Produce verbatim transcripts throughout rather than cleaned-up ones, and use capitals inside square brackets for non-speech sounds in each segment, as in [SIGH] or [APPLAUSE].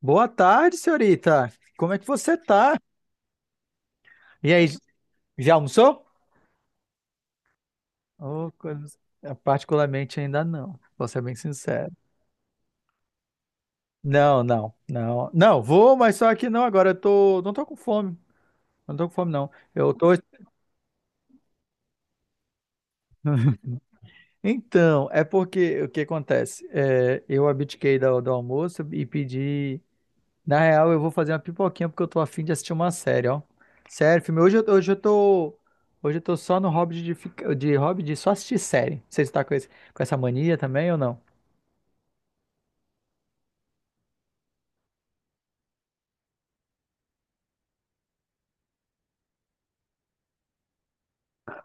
Boa tarde, senhorita. Como é que você tá? E aí, já almoçou? Ô, coisa- Particularmente ainda não, vou ser bem sincero. Não, não, não. Não, vou, mas só que não agora. Eu tô, não tô com fome. Não tô com fome, não. Eu tô. Então, é porque o que acontece? É, eu abdiquei do, do almoço e pedi. Na real, eu vou fazer uma pipoquinha porque eu tô afim de assistir uma série, ó. Sério, filme. Hoje eu, hoje eu tô. Hoje eu tô só no hobby de, fica- de hobby de só assistir série. Você está com, esse- Com essa mania também ou não?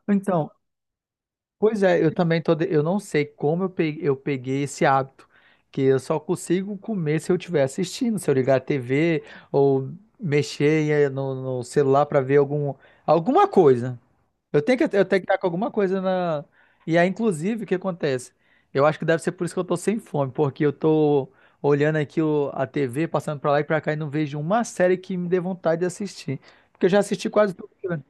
Então, pois é, eu também tô. De- Eu não sei como eu peguei, eu peguei esse hábito. Que eu só consigo comer se eu estiver assistindo, se eu ligar a T V ou mexer eh, no, no celular pra ver algum, alguma coisa. Eu tenho que, eu tenho que estar com alguma coisa na. E aí, inclusive, o que acontece? Eu acho que deve ser por isso que eu tô sem fome, porque eu tô olhando aqui o- a T V, passando pra lá e pra cá e não vejo uma série que me dê vontade de assistir. Porque eu já assisti quase tudo, né?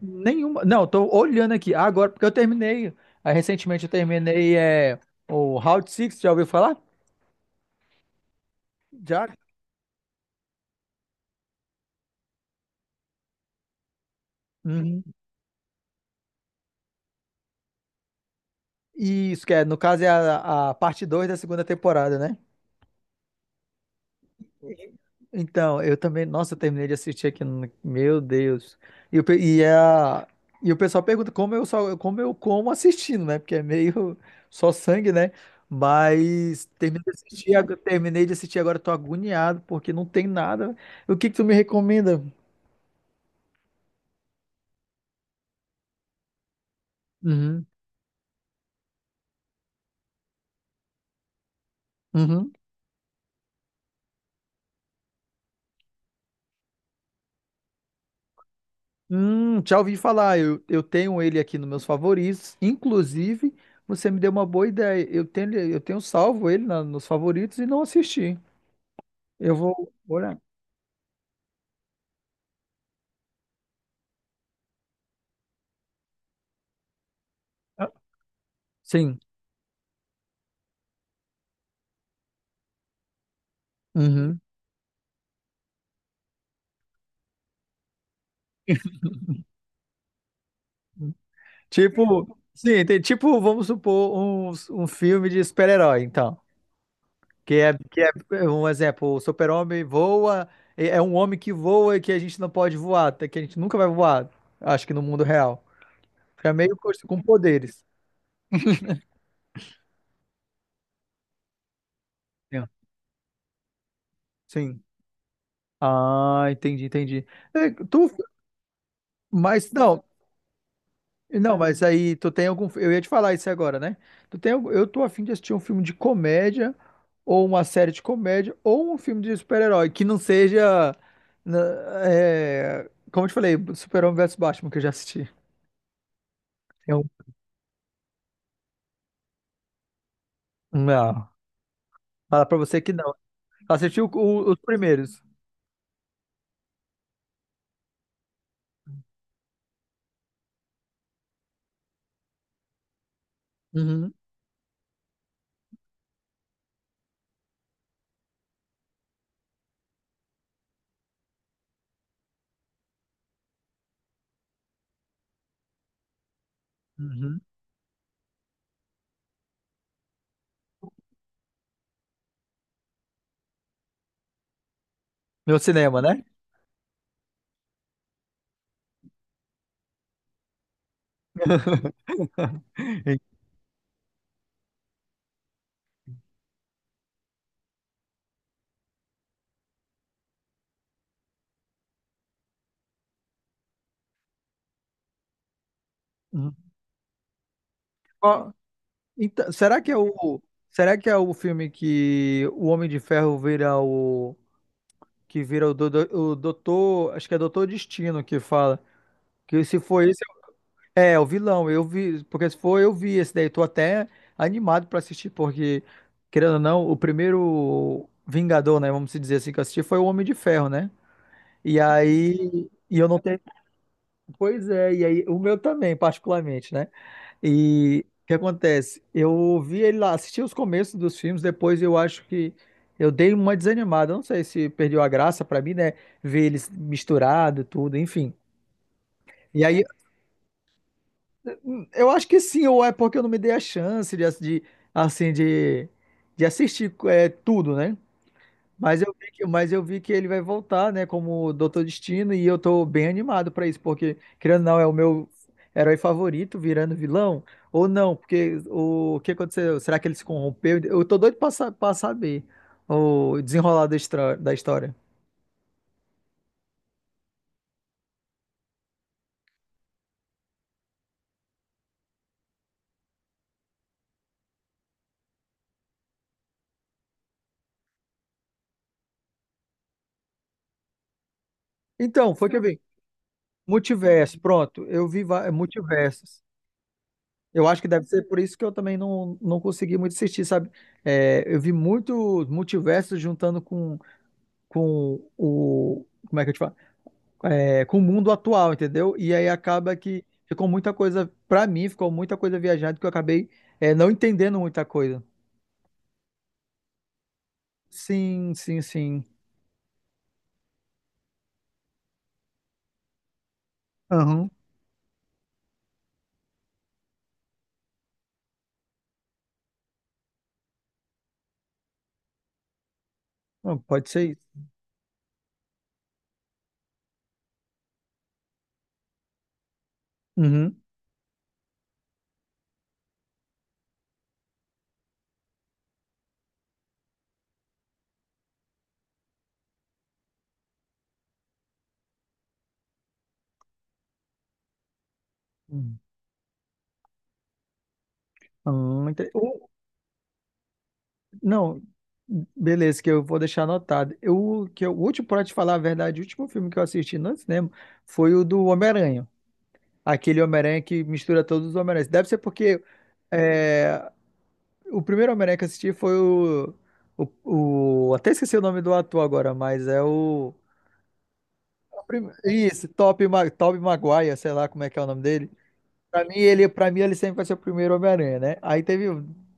Nenhuma. Não, eu tô olhando aqui agora, porque eu terminei. Aí, recentemente eu terminei é, o Round Six, já ouviu falar? Já. Uhum. Isso, que é, no caso é a, a parte dois da segunda temporada, né? Então, eu também. Nossa, eu terminei de assistir aqui. no- Meu Deus. E, o pe- e, a, e o pessoal pergunta como eu só, como eu como assistindo, né? Porque é meio [LAUGHS] só sangue, né? Mas terminei de assistir, ag- terminei de assistir agora, tô agoniado, porque não tem nada. O que que tu me recomenda? Uhum. Uhum. Hum, já ouvi falar. Eu, eu tenho ele aqui nos meus favoritos. Inclusive, você me deu uma boa ideia. Eu tenho, ele- eu tenho salvo ele na- nos favoritos e não assisti. Eu vou olhar. Ah, sim. Uhum. Tipo, sim, tem, tipo, vamos supor, um, um filme de super-herói, então. Que é, que é é um exemplo, o super-homem voa, é é um homem que voa e que a gente não pode voar, até que a gente nunca vai voar, acho que no mundo real. É meio co- com poderes. Sim. Sim. Ah, entendi, entendi. É, tu, mas não, Não, mas aí tu tem algum. Eu ia te falar isso agora, né? Tu tem, algum- eu tô afim de assistir um filme de comédia, ou uma série de comédia, ou um filme de super-herói, que não seja. na- É, como eu te falei, Super-Homem versus Batman, que eu já assisti. Eu, não, fala pra você que não. Assistiu o- os primeiros. Uhum, uhum. No cinema, né? [LAUGHS] Uhum. Qual- então, será que é o. Será que é o filme que o Homem de Ferro vira o. que vira o, do, O doutor, acho que é doutor Destino que fala, que se for esse, é, é o vilão, eu vi, porque se for eu vi esse daí, tô até animado pra assistir, porque, querendo ou não, o primeiro Vingador, né, vamos dizer assim, que eu assisti foi o Homem de Ferro, né, e aí, e eu não tenho, pois é, e aí, o meu também, particularmente, né, e o que acontece? Eu vi ele lá, assisti os começos dos filmes, depois eu acho que eu dei uma desanimada. Eu não sei se perdeu a graça pra mim, né? Ver eles misturado, tudo, enfim. E aí, eu acho que sim, ou é porque eu não me dei a chance de, ass- de assim, de, de assistir é, tudo, né? Mas eu vi que, mas eu vi que ele vai voltar, né, como Doutor Destino, e eu tô bem animado pra isso, porque, querendo ou não, é o meu herói favorito virando vilão, ou não, porque o, o que aconteceu? Será que ele se corrompeu? Eu tô doido pra, sa- pra saber o desenrolar da, histra- da história. Então, foi que eu vi. Multiverso, pronto, eu vi va- é, multiversos. Eu acho que deve ser por isso que eu também não, não consegui muito assistir, sabe? É, eu vi muito multiversos juntando com, com o. Como é que eu te falo? É, com o mundo atual, entendeu? E aí acaba que ficou muita coisa, pra mim, ficou muita coisa viajada que eu acabei é, não entendendo muita coisa. Sim, sim, sim. Aham. Não, pode ser isso. Uhum. Hum, ente- o- não, Beleza, que eu vou deixar anotado. Eu, que eu- o último, pra te falar a verdade, o último filme que eu assisti no cinema foi o do Homem-Aranha. Aquele Homem-Aranha que mistura todos os Homem-Aranhas. Deve ser porque. é, O primeiro Homem-Aranha que eu assisti foi o, o, o- até esqueci o nome do ator agora, mas é o. o prim- Isso, Top Ma... Tobey Maguire, sei lá como é que é o nome dele. Pra mim, ele, pra mim, ele sempre vai ser o primeiro Homem-Aranha, né? Aí teve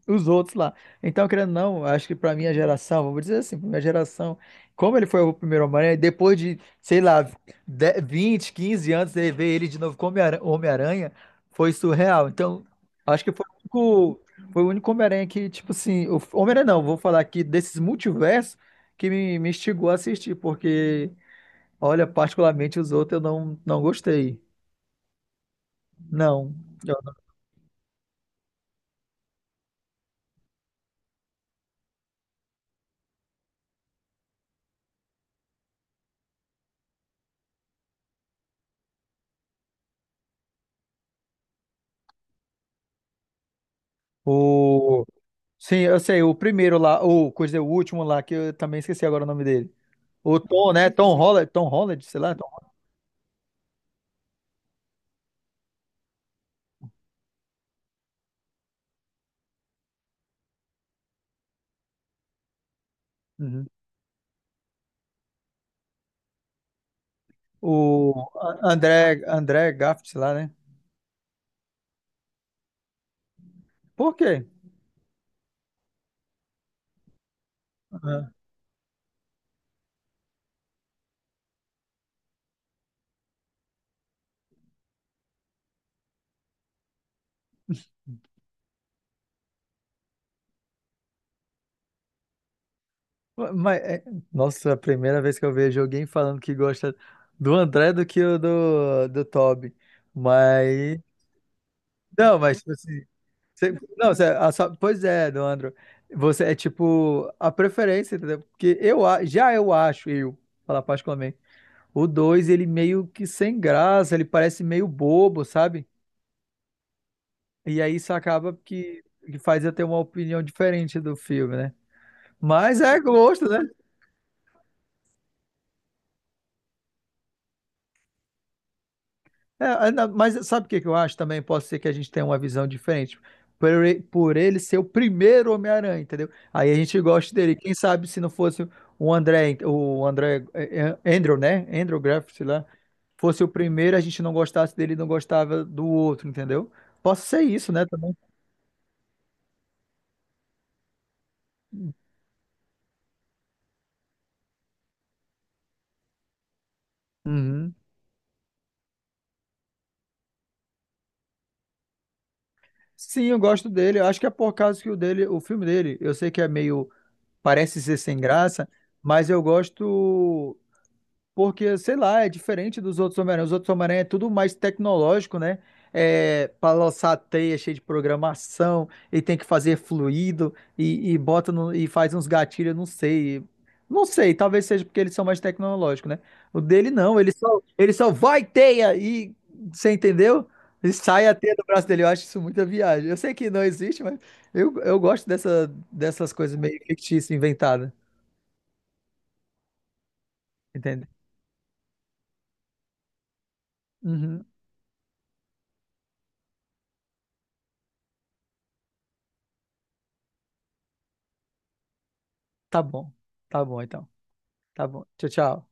os outros lá. Então, querendo ou não, acho que pra minha geração, vamos dizer assim, pra minha geração, como ele foi o primeiro Homem-Aranha, depois de, sei lá, dez, vinte, quinze anos, de ver ele de novo como Homem-Aranha, Homem-Aranha, foi surreal. Então, acho que foi o único, foi o único Homem-Aranha que, tipo assim, o Homem-Aranha não, vou falar aqui desses multiversos que me, me instigou a assistir, porque, olha, particularmente os outros eu não, não gostei. Não. Eu o Sim, eu sei, o primeiro lá, ou quer dizer, o último lá, que eu também esqueci agora o nome dele. O Tom, né? Tom Holland, Tom Holland, sei lá. Tom- Uhum. O A- André, André Garfield, sei lá, né? Por quê? Ah, Mas, é- nossa, a primeira vez que eu vejo alguém falando que gosta do André do que o do, do Toby. Mas, não, mas, tipo assim, você- não, você- a sua- Pois é, do Andro, você é tipo a preferência, entendeu? Porque eu, a- já eu acho, eu, falar particularmente. O dois ele meio que sem graça, ele parece meio bobo, sabe? E aí isso acaba que, que faz eu ter uma opinião diferente do filme, né? Mas é gosto, né? É, é, não, mas sabe o que que eu acho também? Pode ser que a gente tenha uma visão diferente. Por, ele- por ele ser o primeiro Homem-Aranha, entendeu? Aí a gente gosta dele. Quem sabe se não fosse o André, o André, é, é, Andrew, né? Andrew Garfield, sei lá. Fosse o primeiro, a gente não gostasse dele e não gostava do outro, entendeu? Posso ser isso, né, também. Uhum. Sim, eu gosto dele. Eu acho que é por causa que o dele, o filme dele, eu sei que é meio, parece ser sem graça, mas eu gosto. Porque, sei lá, é diferente dos outros Homem-Aranha. Os outros Homem-Aranha é tudo mais tecnológico, né? É, para lançar a teia cheia de programação e tem que fazer fluido e, e bota no- e faz uns gatilhos, não sei. Não sei, talvez seja porque eles são mais tecnológicos, né? O dele não, ele só, ele só vai teia e você entendeu? E sai a teia do braço dele. Eu acho isso muita viagem. Eu sei que não existe, mas eu, eu gosto dessa, dessas coisas meio fictícias, inventadas, entende? Uhum, tá bom, tá bom então. Tá bom. Tchau, tchau.